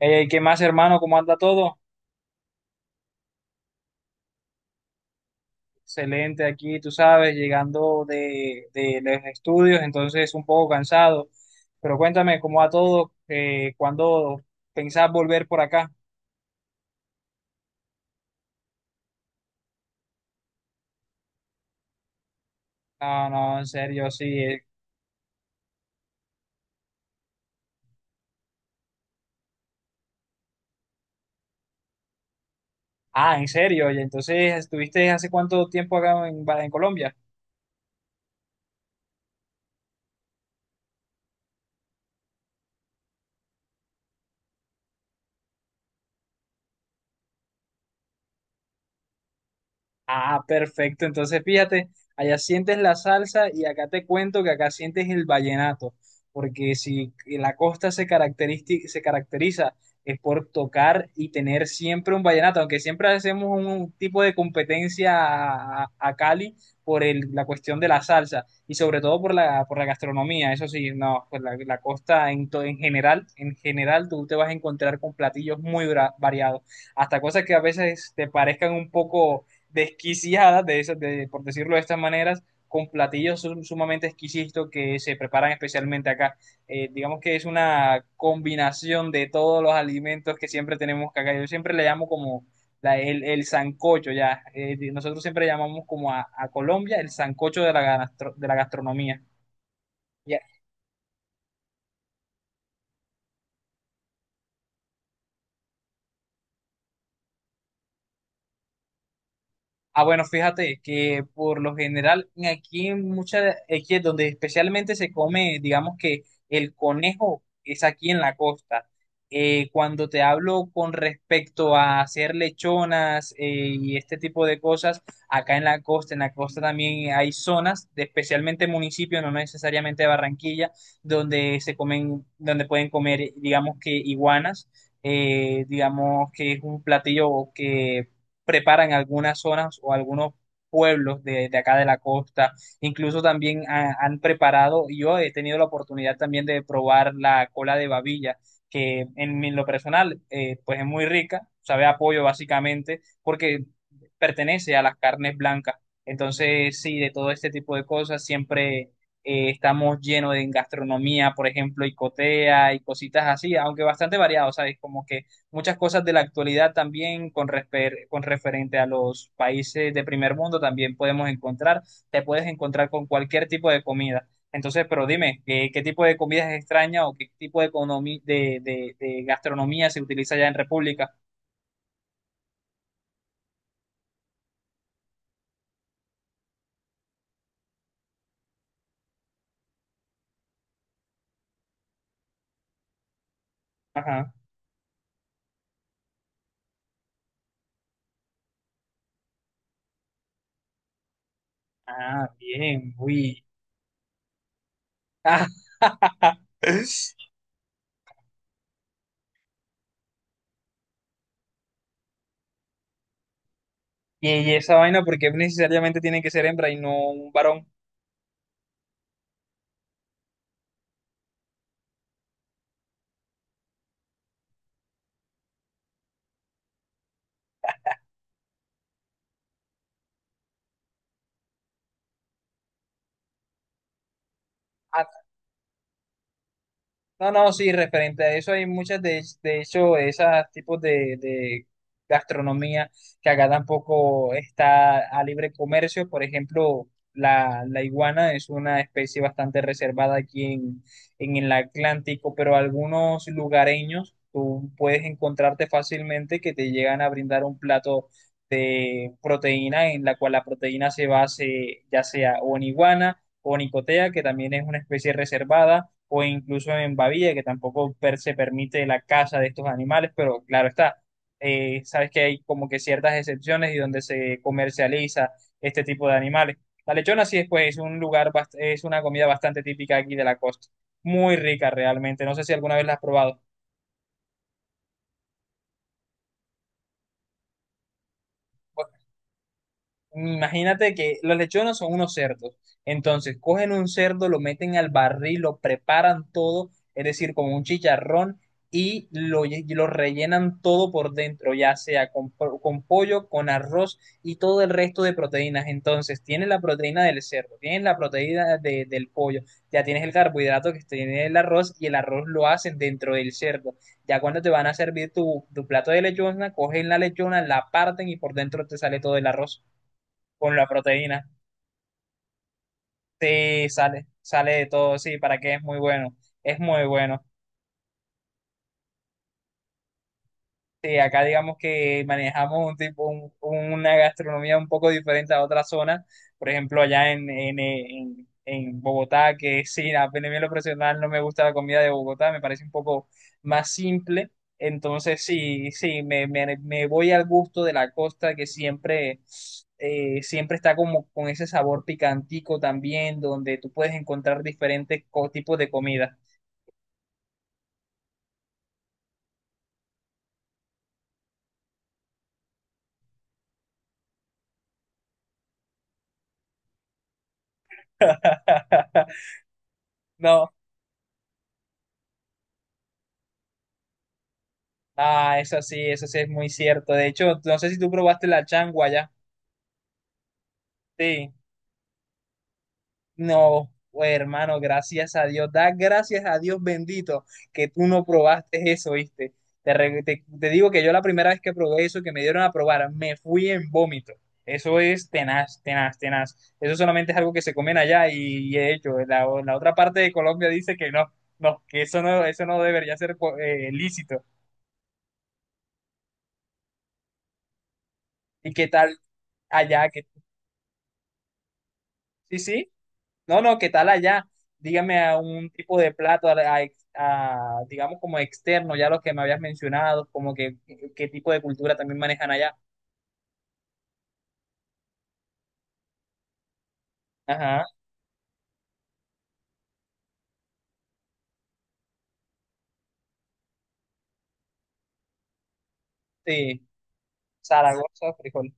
¿Qué más, hermano? ¿Cómo anda todo? Excelente aquí, tú sabes, llegando de los estudios, entonces un poco cansado. Pero cuéntame, ¿cómo va todo? ¿Cuándo pensás volver por acá? No, no, en serio, sí. Ah, en serio. Y entonces, ¿estuviste hace cuánto tiempo acá en Colombia? Ah, perfecto. Entonces, fíjate, allá sientes la salsa y acá te cuento que acá sientes el vallenato, porque si la costa se caracteriza es por tocar y tener siempre un vallenato, aunque siempre hacemos un tipo de competencia a Cali por la cuestión de la salsa y sobre todo por la gastronomía. Eso sí, no, pues la costa en general tú te vas a encontrar con platillos muy variados, hasta cosas que a veces te parezcan un poco desquiciadas, de esas, de, por decirlo de estas maneras, con platillos sumamente exquisitos que se preparan especialmente acá. Digamos que es una combinación de todos los alimentos que siempre tenemos acá. Yo siempre le llamo como el sancocho, ya. Nosotros siempre llamamos como a Colombia el sancocho de de la gastronomía. Y, Ah, bueno, fíjate que por lo general aquí en muchas, aquí es donde especialmente se come, digamos que el conejo es aquí en la costa. Cuando te hablo con respecto a hacer lechonas y este tipo de cosas, acá en la costa también hay zonas, de especialmente municipios, no necesariamente Barranquilla, donde se comen, donde pueden comer, digamos que iguanas, digamos que es un platillo que preparan algunas zonas o algunos pueblos de acá de la costa. Incluso también han preparado, y yo he tenido la oportunidad también de probar la cola de babilla, que en lo personal, pues es muy rica, sabe a pollo básicamente, porque pertenece a las carnes blancas. Entonces, sí, de todo este tipo de cosas siempre estamos llenos de gastronomía, por ejemplo, y cotea y cositas así, aunque bastante variado, ¿sabes? Como que muchas cosas de la actualidad también con referente a los países de primer mundo también podemos encontrar, te puedes encontrar con cualquier tipo de comida. Entonces, pero dime, ¿qué, qué tipo de comida es extraña o qué tipo de, economi- de gastronomía se utiliza allá en República? Ajá. Ah, bien, uy. Ah, ¿y, y esa vaina, porque necesariamente tiene que ser hembra y no un varón? No, no, sí, referente a eso hay muchas de hecho, esos tipos de gastronomía que acá tampoco está a libre comercio. Por ejemplo, la iguana es una especie bastante reservada aquí en el Atlántico, pero algunos lugareños tú puedes encontrarte fácilmente que te llegan a brindar un plato de proteína en la cual la proteína se base ya sea o en iguana o en icotea, que también es una especie reservada o incluso en Bavilla, que tampoco se permite la caza de estos animales, pero claro está, sabes que hay como que ciertas excepciones y donde se comercializa este tipo de animales. La lechona sí después es un lugar, es una comida bastante típica aquí de la costa, muy rica realmente, no sé si alguna vez la has probado. Imagínate que los lechones son unos cerdos. Entonces, cogen un cerdo, lo meten al barril, lo preparan todo, es decir, como un chicharrón, y y lo rellenan todo por dentro, ya sea con pollo, con arroz y todo el resto de proteínas. Entonces, tienes la proteína del cerdo, tienes la proteína del pollo, ya tienes el carbohidrato que tiene el arroz, y el arroz lo hacen dentro del cerdo. Ya cuando te van a servir tu plato de lechona, cogen la lechona, la parten y por dentro te sale todo el arroz con la proteína. Sí, sale, sale de todo, sí, para que es muy bueno, es muy bueno. Sí, acá digamos que manejamos un tipo, una gastronomía un poco diferente a otras zonas. Por ejemplo, allá en Bogotá, que sí, a mí en lo profesional no me gusta la comida de Bogotá, me parece un poco más simple. Entonces, sí, sí, me voy al gusto de la costa que siempre, siempre está como con ese sabor picantico también, donde tú puedes encontrar diferentes tipos de comida. No. Ah, eso sí es muy cierto. De hecho, no sé si tú probaste la changua ya. Sí. No, hermano, gracias a Dios. Da gracias a Dios bendito que tú no probaste eso, ¿viste? Te digo que yo la primera vez que probé eso, que me dieron a probar, me fui en vómito. Eso es tenaz, tenaz, tenaz. Eso solamente es algo que se comen allá y de hecho, la otra parte de Colombia dice que no, no, que eso no debería ser lícito. ¿Y qué tal allá? Que, sí, sí. No, no, ¿qué tal allá? Dígame a un tipo de plato, digamos como externo, ya lo que me habías mencionado, como que qué tipo de cultura también manejan allá. Ajá, sí, Zaragoza, frijol.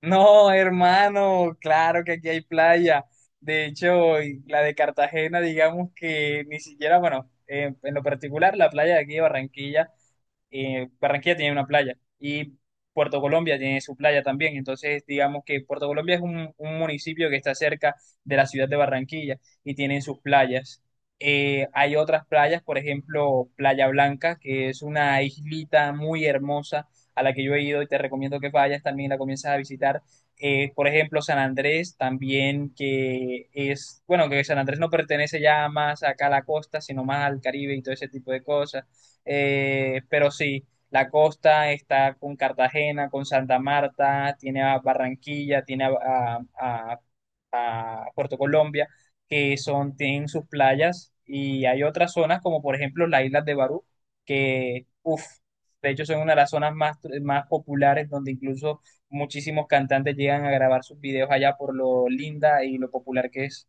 No, hermano, claro que aquí hay playa. De hecho, y la de Cartagena, digamos que ni siquiera, bueno, en lo particular, la playa de aquí de Barranquilla. Barranquilla tiene una playa y Puerto Colombia tiene su playa también. Entonces, digamos que Puerto Colombia es un municipio que está cerca de la ciudad de Barranquilla y tienen sus playas. Hay otras playas, por ejemplo, Playa Blanca, que es una islita muy hermosa a la que yo he ido y te recomiendo que vayas, también la comienzas a visitar. Por ejemplo, San Andrés también, que es, bueno, que San Andrés no pertenece ya más acá a la costa, sino más al Caribe y todo ese tipo de cosas. Pero sí, la costa está con Cartagena, con Santa Marta, tiene a Barranquilla, tiene a Puerto Colombia, que son, tienen sus playas, y hay otras zonas como por ejemplo las islas de Barú, que, uff, de hecho son una de las zonas más, más populares donde incluso muchísimos cantantes llegan a grabar sus videos allá por lo linda y lo popular que es.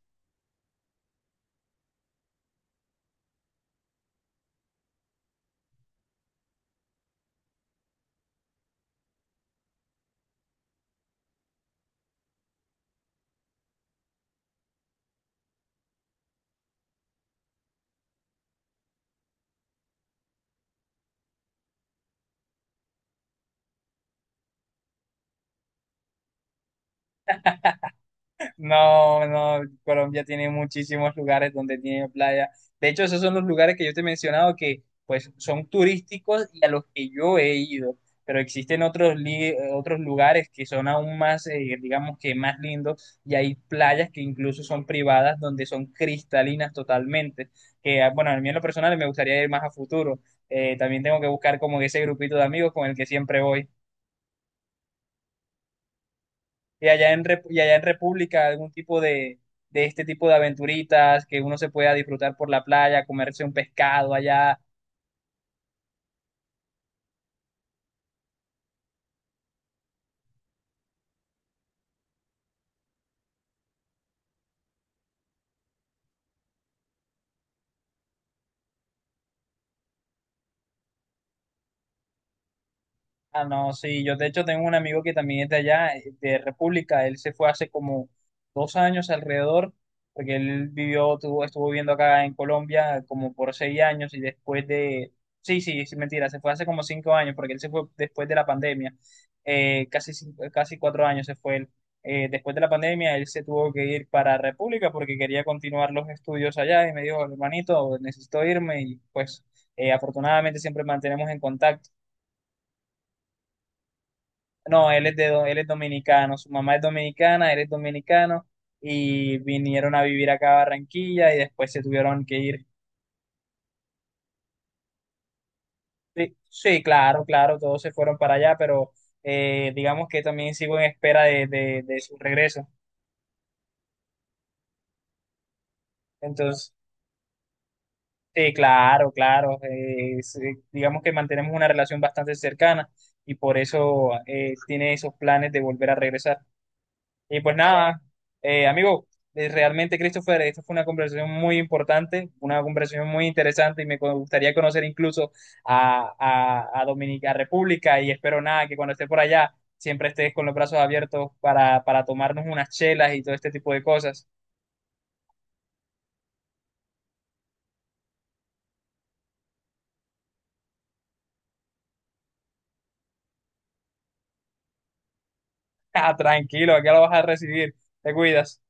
No, no, Colombia tiene muchísimos lugares donde tiene playa. De hecho, esos son los lugares que yo te he mencionado que pues son turísticos y a los que yo he ido, pero existen otros, otros lugares que son aún más, digamos que más lindos y hay playas que incluso son privadas donde son cristalinas totalmente, que ah, bueno, a mí en lo personal me gustaría ir más a futuro. También tengo que buscar como ese grupito de amigos con el que siempre voy. Y allá en y allá en República, algún tipo de este tipo de aventuritas que uno se pueda disfrutar por la playa, comerse un pescado allá, Ah, no, sí, yo de hecho tengo un amigo que también es de allá, de República, él se fue hace como 2 años alrededor, porque él vivió, tuvo, estuvo viviendo acá en Colombia como por 6 años y después de, sí, sí, es mentira, se fue hace como 5 años, porque él se fue después de la pandemia, casi, casi 4 años se fue él. Después de la pandemia él se tuvo que ir para República porque quería continuar los estudios allá y me dijo, hermanito, necesito irme y pues afortunadamente siempre mantenemos en contacto. No, él es él es dominicano, su mamá es dominicana, él es dominicano y vinieron a vivir acá a Barranquilla y después se tuvieron que ir. Sí, sí, claro, claro, todos se fueron para allá, pero digamos que también sigo en espera de, de su regreso. Entonces, sí, claro, claro, sí, digamos que mantenemos una relación bastante cercana y por eso tiene esos planes de volver a regresar. Y pues nada, amigo, realmente Christopher, esta fue una conversación muy importante, una conversación muy interesante y me gustaría conocer incluso a Dominica República y espero nada que cuando esté por allá siempre estés con los brazos abiertos para tomarnos unas chelas y todo este tipo de cosas. Ah, tranquilo, acá lo vas a recibir, te cuidas.